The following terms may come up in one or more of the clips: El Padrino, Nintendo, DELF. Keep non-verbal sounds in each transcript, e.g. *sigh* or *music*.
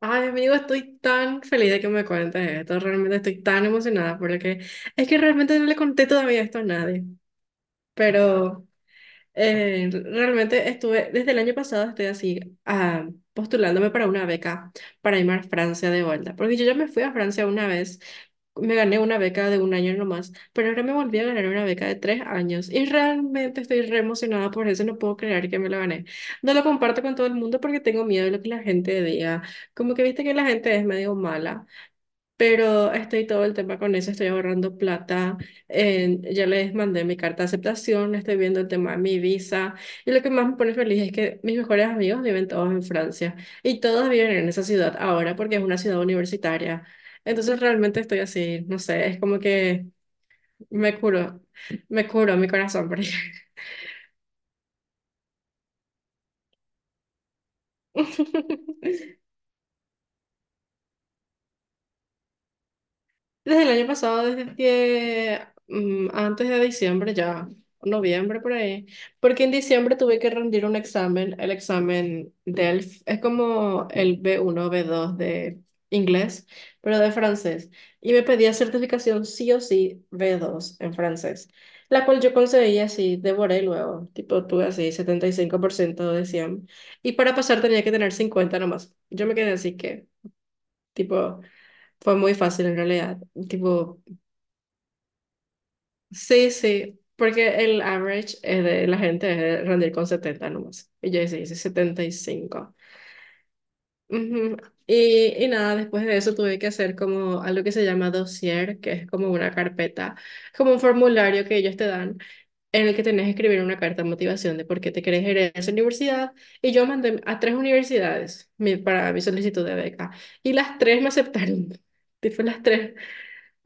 Ay, amigo, estoy tan feliz de que me cuentes esto. Realmente estoy tan emocionada por lo que. Es que realmente no le conté todavía esto a nadie. Pero realmente estuve, desde el año pasado estoy así, postulándome para una beca para irme a Francia de vuelta, porque yo ya me fui a Francia una vez, me gané una beca de un año nomás, pero ahora me volví a ganar una beca de 3 años y realmente estoy re emocionada por eso, no puedo creer que me lo gané. No lo comparto con todo el mundo porque tengo miedo de lo que la gente diga, como que viste que la gente es medio mala, pero estoy todo el tema con eso, estoy ahorrando plata, ya les mandé mi carta de aceptación, estoy viendo el tema de mi visa y lo que más me pone feliz es que mis mejores amigos viven todos en Francia y todos viven en esa ciudad ahora porque es una ciudad universitaria. Entonces realmente estoy así, no sé, es como que me curo, me curo mi corazón por ahí. *laughs* Desde el año pasado, desde que, antes de diciembre ya, noviembre por ahí, porque en diciembre tuve que rendir un examen, el examen DELF, es como el B1 B2 de inglés, pero de francés, y me pedía certificación sí o sí B2 en francés, la cual yo conseguí así, devoré luego, tipo tuve así 75% de 100, y para pasar tenía que tener 50 nomás, yo me quedé así que, tipo... Fue muy fácil en realidad. Tipo, sí, sí, porque el average es de la gente es de rendir con 70 nomás. Y yo hice 75. Ujú. Y nada, después de eso tuve que hacer como algo que se llama dossier, que es como una carpeta, como un formulario que ellos te dan, en el que tenés que escribir una carta de motivación de por qué te querés ir a esa universidad. Y yo mandé a tres universidades para mi solicitud de beca. Y las tres me aceptaron. *laughs* Tipo, las tres. *laughs*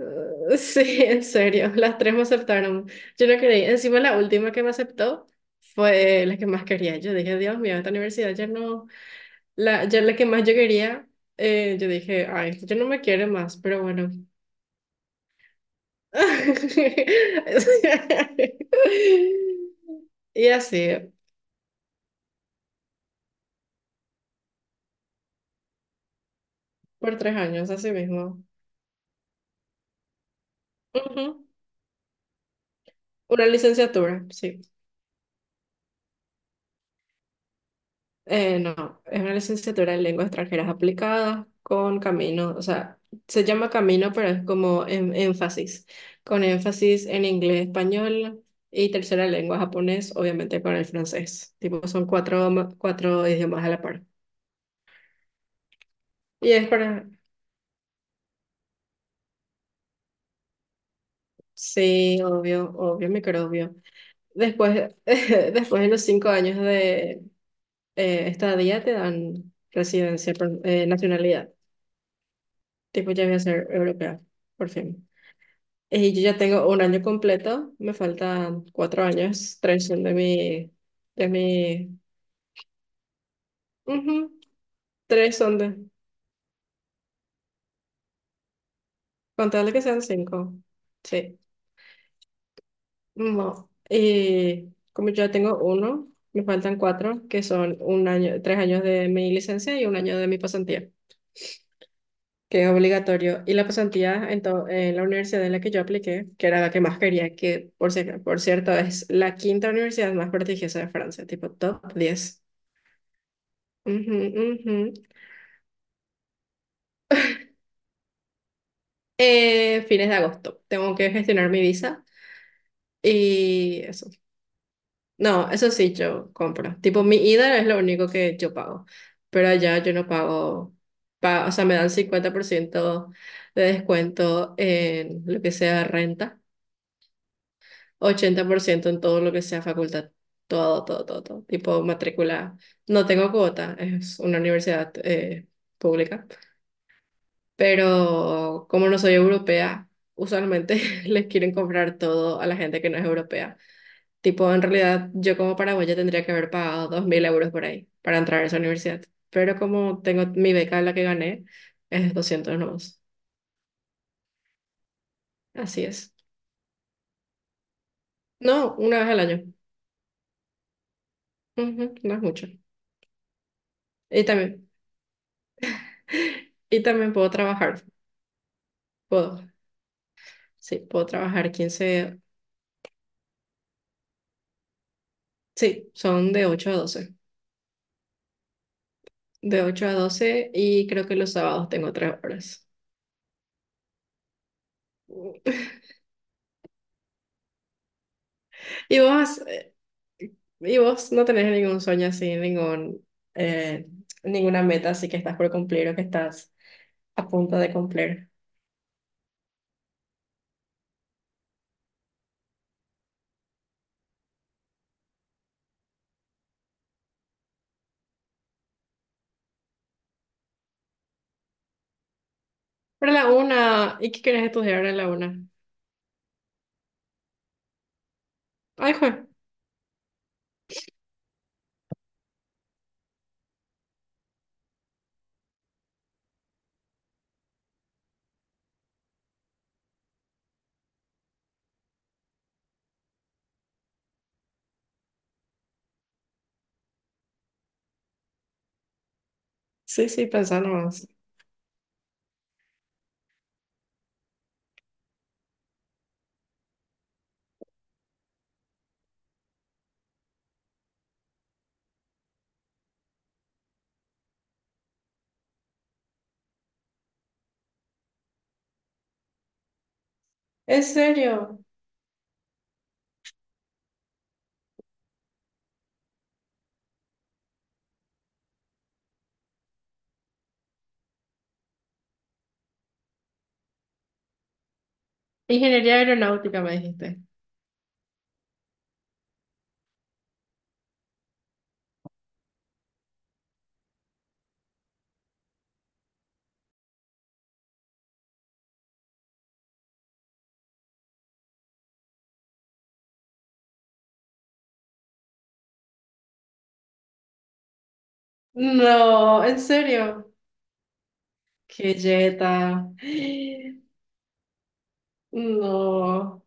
Sí, en serio, las tres me aceptaron. Yo no creí. Encima la última que me aceptó fue la que más quería. Yo dije, Dios mío, esta universidad ya no, la que más yo quería, yo dije, ay, yo no me quiere más, pero bueno. *laughs* Y así, por 3 años, así mismo. Ujú. Una licenciatura, sí. No, es una licenciatura en lenguas extranjeras aplicadas con camino, o sea, se llama camino, pero es como énfasis, con énfasis en inglés, español y tercera lengua japonés, obviamente con el francés. Tipo, son cuatro, cuatro idiomas a la par. Y es para, sí, obvio, obvio, microbio. Después, *laughs* después de los 5 años de estadía te dan residencia, nacionalidad. Tipo, ya voy a ser europea, por fin. Yo ya tengo un año completo, me faltan 4 años, tres son de mi, ujú, tres son de, contarle que sean cinco, sí, no, como ya tengo uno, me faltan cuatro, que son un año, 3 años de mi licencia y un año de mi pasantía, que es obligatorio, y la pasantía en la universidad en la que yo apliqué, que era la que más quería, que por, si- por cierto es la quinta universidad más prestigiosa de Francia, tipo top 10. Ujú, ujú. Fines de agosto. Tengo que gestionar mi visa y eso. No, eso sí, yo compro. Tipo, mi ida es lo único que yo pago, pero allá yo no pago, o sea, me dan 50% de descuento en lo que sea renta, 80% en todo lo que sea facultad, todo, todo, todo, todo. Tipo, matrícula. No tengo cuota, es una universidad pública. Pero como no soy europea, usualmente *laughs* les quieren comprar todo a la gente que no es europea. Tipo, en realidad, yo como paraguaya tendría que haber pagado 2.000 euros por ahí para entrar a esa universidad, pero como tengo mi beca, la que gané, es 200 nomás. Así es. No, una vez al año. Ujú, no es mucho. Y también, *laughs* y también puedo trabajar. Puedo, sí, puedo trabajar quince, sí, son de 8 a 12. De 8 a 12 y creo que los sábados tengo 3 horas. *laughs* ¿Y vos no tenés ningún sueño así, ningún, eh, ninguna meta así que estás por cumplir o que estás a punto de cumplir? Pero la una, ¿y qué querés estudiar en la una? Ay, jue. Sí, sí, pensá nomás. ¿En serio? Ingeniería aeronáutica me dijiste. No, en serio. Qué jeta. No.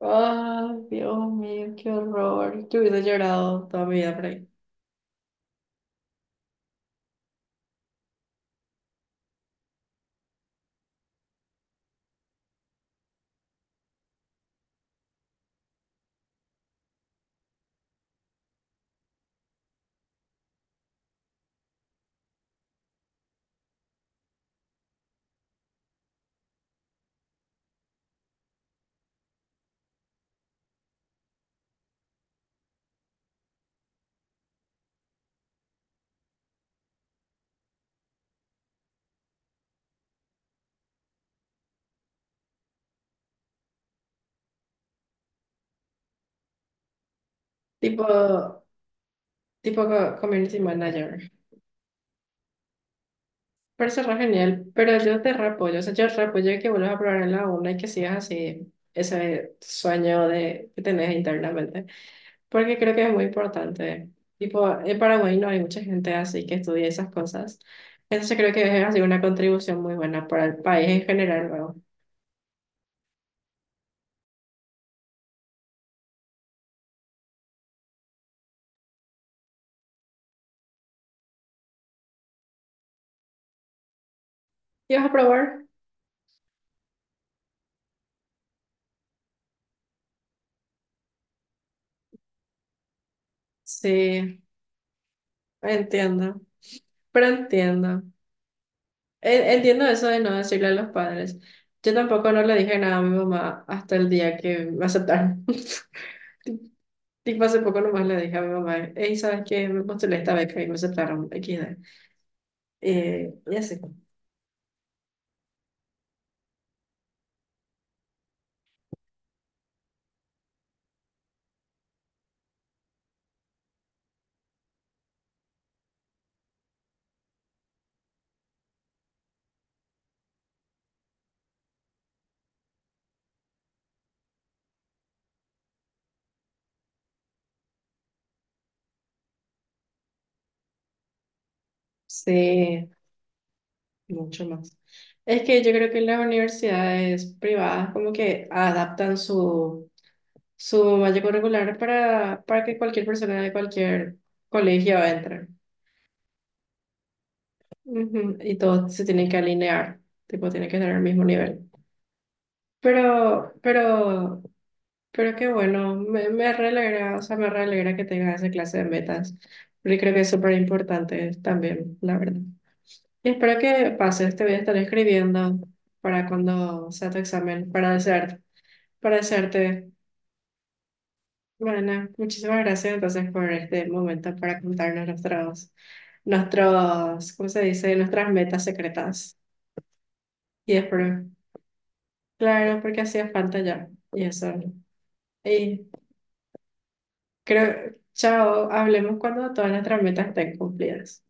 Ay, Dios mío, qué horror. Yo hubiese llorado toda mi vida por ahí. Tipo, community manager. Parece re genial, pero yo te re, o sea, yo re apoyo que vuelvas a probar en la una y que sigas así ese sueño de, que tenés internamente, porque creo que es muy importante. Tipo, en Paraguay no hay mucha gente así que estudia esas cosas, entonces creo que es así una contribución muy buena para el país en general luego. ¿Y vas a probar? Sí, entiendo, pero entiendo. Entiendo eso de no decirle a los padres. Yo tampoco no le dije nada a mi mamá hasta el día que me aceptaron. *laughs* Tipo, hace poco nomás le dije a mi mamá, hey, ¿sabes qué? Me postulé esta beca y me aceptaron XD. Y así. Sí, mucho más. Es que yo creo que las universidades privadas como que adaptan su malla curricular para que cualquier persona de cualquier colegio entre. Ujú, y todos se tienen que alinear, tipo, tienen que tener el mismo nivel. Pero, pero, pero qué bueno, me re alegra, o sea, me re alegra que tengas esa clase de metas, porque creo que es súper importante también, la verdad. Y espero que pases, te voy a estar escribiendo para cuando sea tu examen, para desearte, para desearte. Bueno, muchísimas gracias entonces por este momento para contarnos ¿cómo se dice? Nuestras metas secretas. Y espero, claro, porque hacía falta ya, y eso. Y Creo, chao, hablemos cuando todas nuestras metas estén cumplidas.